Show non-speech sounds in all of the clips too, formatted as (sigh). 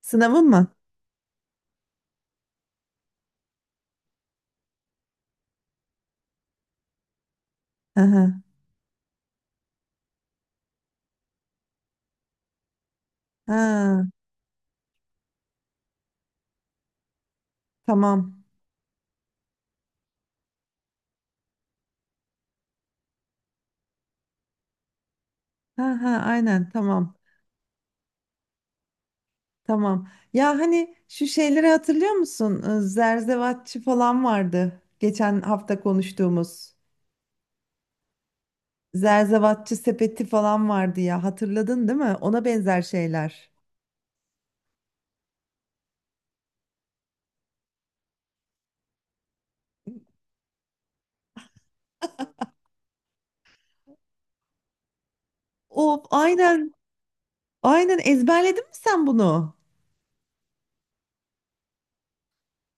Sınavın mı? Hı hı. Ha, tamam. Ha ha aynen tamam. Tamam. Ya hani şu şeyleri hatırlıyor musun? Zerzevatçı falan vardı. Geçen hafta konuştuğumuz. Zerzevatçı sepeti falan vardı ya. Hatırladın değil mi? Ona benzer şeyler. Of aynen. Aynen ezberledin mi sen bunu?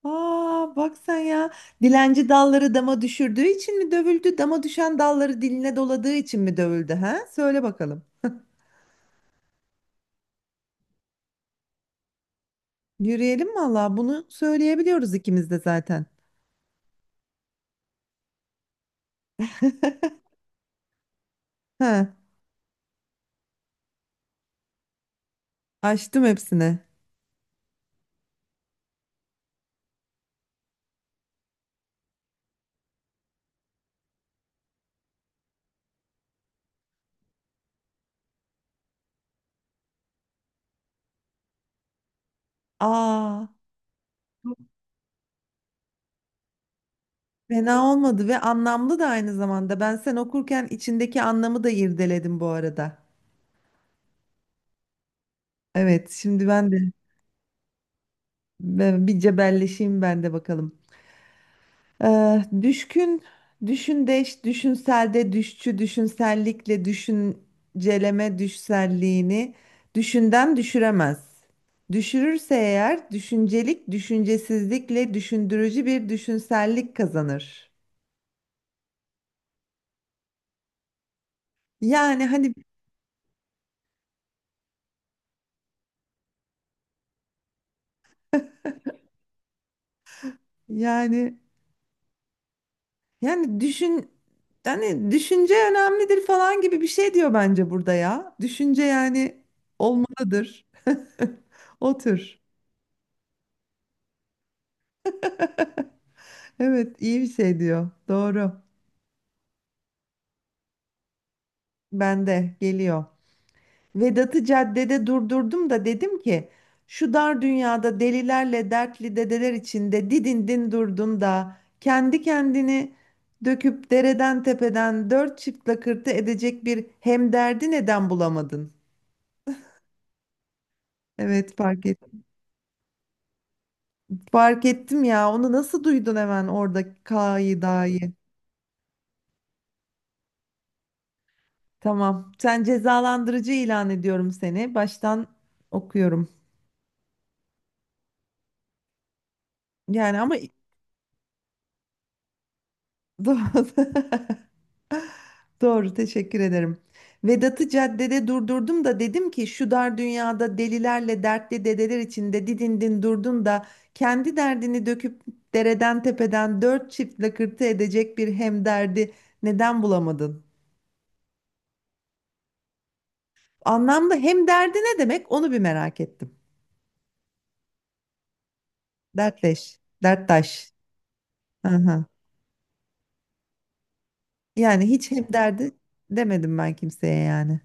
Aa bak sen ya. Dilenci dalları dama düşürdüğü için mi dövüldü? Dama düşen dalları diline doladığı için mi dövüldü? Ha? Söyle bakalım. Yürüyelim valla bunu söyleyebiliyoruz ikimiz de zaten. (laughs) Ha, açtım hepsini. Aa, fena olmadı ve anlamlı da aynı zamanda. Ben sen okurken içindeki anlamı da irdeledim bu arada. Evet, şimdi ben de ben bir cebelleşeyim ben de bakalım. Düşkün, düşündeş, düşünselde, düşçü, düşünsellikle, düşünceleme, düşselliğini düşünden düşüremez. Düşürürse eğer düşüncelik, düşüncesizlikle düşündürücü bir düşünsellik kazanır. Yani hani yani yani düşün hani düşünce önemlidir falan gibi bir şey diyor bence burada ya. Düşünce yani olmalıdır. (laughs) Otur. Evet iyi bir şey diyor. Doğru. Bende geliyor. Vedat'ı caddede durdurdum da dedim ki şu dar dünyada delilerle dertli dedeler içinde didindin durdun da kendi kendini döküp dereden tepeden dört çift lakırtı edecek bir hemderdi neden bulamadın? Evet fark ettim. Fark ettim ya onu nasıl duydun hemen orada K'yı da'yı. Tamam sen cezalandırıcı ilan ediyorum seni baştan okuyorum. Yani ama (laughs) doğru. Doğru, teşekkür ederim. Vedat'ı caddede durdurdum da dedim ki şu dar dünyada delilerle dertli dedeler içinde didindin durdun da kendi derdini döküp dereden tepeden dört çift lakırtı edecek bir hemderdi neden bulamadın? Anlamda hemderdi ne demek onu bir merak ettim. Dertleş, derttaş. Hı hı. Yani hiç hemderdi demedim ben kimseye yani.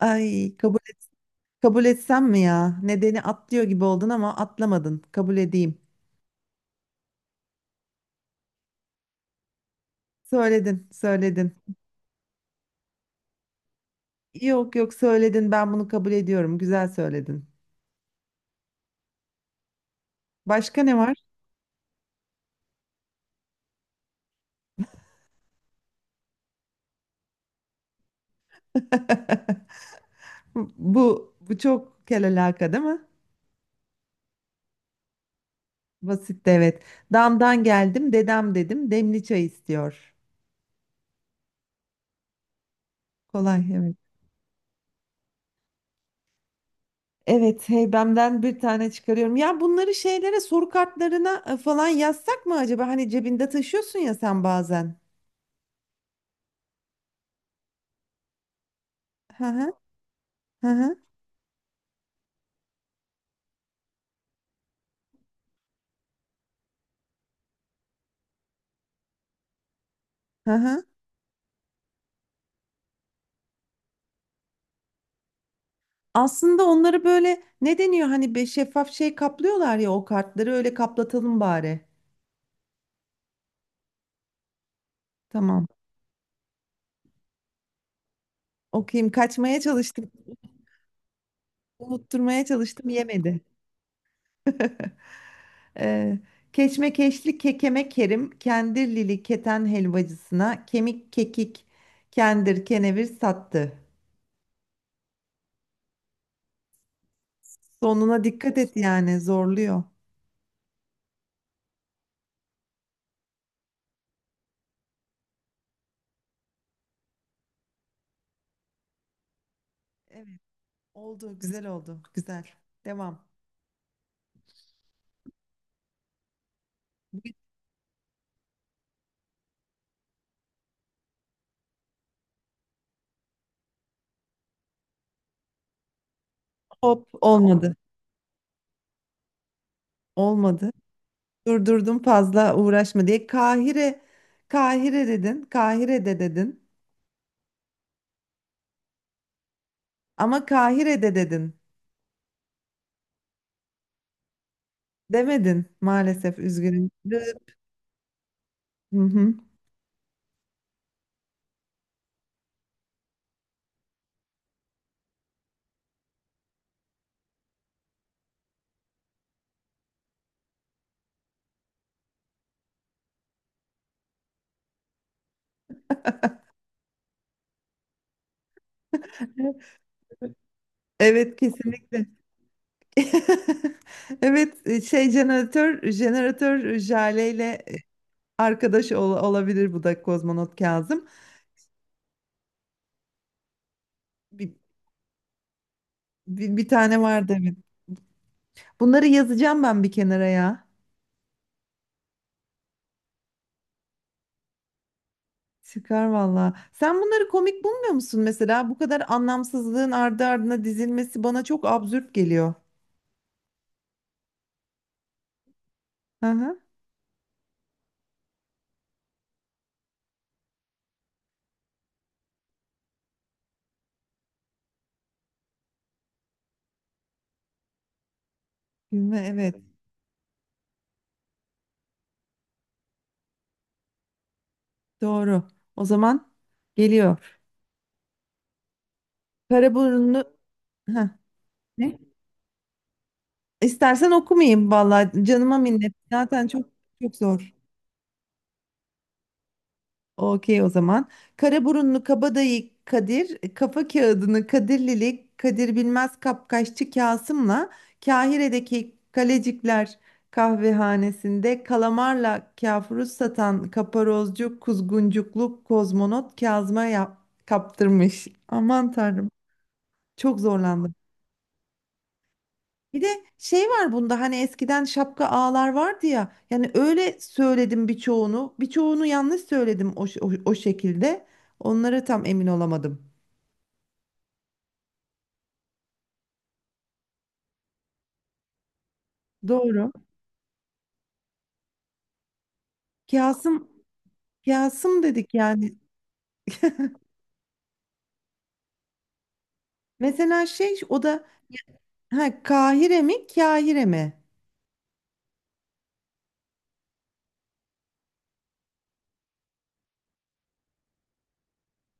Ay kabul et, kabul etsem mi ya? Nedeni atlıyor gibi oldun ama atlamadın. Kabul edeyim. Söyledin, söyledin. Yok yok söyledin. Ben bunu kabul ediyorum. Güzel söyledin. Başka ne var? (laughs) Bu çok kelalaka değil mi? Basit de evet. Damdan geldim, dedem dedim. Demli çay istiyor. Kolay evet. Evet, heybemden bir tane çıkarıyorum. Ya bunları şeylere soru kartlarına falan yazsak mı acaba? Hani cebinde taşıyorsun ya sen bazen. Hı hı. Hı hı. Hı hı. Aslında onları böyle ne deniyor hani be şeffaf şey kaplıyorlar ya o kartları öyle kaplatalım bari. Tamam. Okuyayım. Kaçmaya çalıştım. Unutturmaya çalıştım. Yemedi. (laughs) Ee, keşmekeşli kekeme kerim, kendirlili keten helvacısına kemik kekik kendir kenevir sattı. Sonuna dikkat et yani zorluyor. Evet oldu güzel oldu güzel. Devam. Hop olmadı. Olmadı. Durdurdum fazla uğraşma diye. Kahire, Kahire dedin, Kahire'de dedin. Ama Kahire'de dedin. Demedin maalesef üzgünüm. Hı hı. Evet kesinlikle. (laughs) Evet şey jeneratör jaleyle arkadaş olabilir bu da kozmonot Kazım. Bir, bir, bir tane vardı evet. Bunları yazacağım ben bir kenara ya. Çıkar valla. Sen bunları komik bulmuyor musun mesela? Bu kadar anlamsızlığın ardı ardına dizilmesi bana çok absürt geliyor. Hı hı. Gülme evet. Doğru. O zaman geliyor. Karaburunlu heh. Ne? İstersen okumayayım valla. Canıma minnet. Zaten çok zor. Okey o zaman. Karaburunlu Kabadayı Kadir, Kafa Kağıdını Kadirlili Kadir Bilmez Kapkaççı Kasım'la Kahire'deki Kalecikler kahvehanesinde kalamarla kafuruz satan kaparozcu kuzguncuklu kozmonot Kazım'a kaptırmış. Aman tanrım çok zorlandım. Bir de şey var bunda hani eskiden şapka ağlar vardı ya. Yani öyle söyledim birçoğunu. Birçoğunu yanlış söyledim o şekilde. Onlara tam emin olamadım. Doğru. Kasım Kasım dedik yani. Mesela şey o da ha, Kahire mi?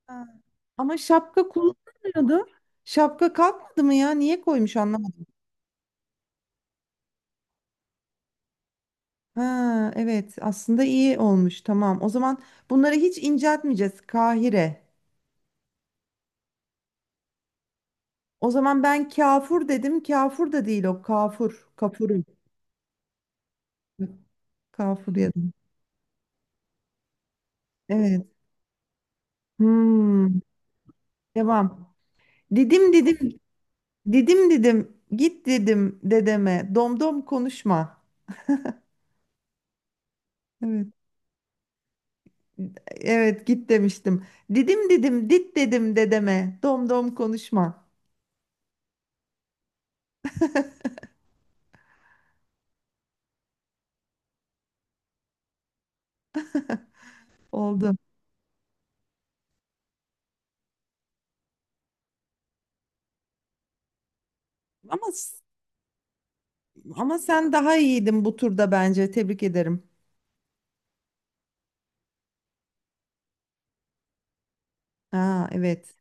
Ha. Ama şapka kullanmıyordu. Şapka kalkmadı mı ya? Niye koymuş anlamadım. Ha, evet aslında iyi olmuş tamam. O zaman bunları hiç inceltmeyeceğiz. Kahire. O zaman ben kafur dedim. Kafur da değil o. Kafur. Kafuru. Kafur dedim. Evet. Hmm. Devam. Didim didim. Didim didim. Git dedim dedeme. Domdom konuşma. Evet. Evet git demiştim. Didim didim dit dedim dedeme. Domdom konuşma. Oldu. Ama ama sen daha iyiydin bu turda bence. Tebrik ederim. Aa evet.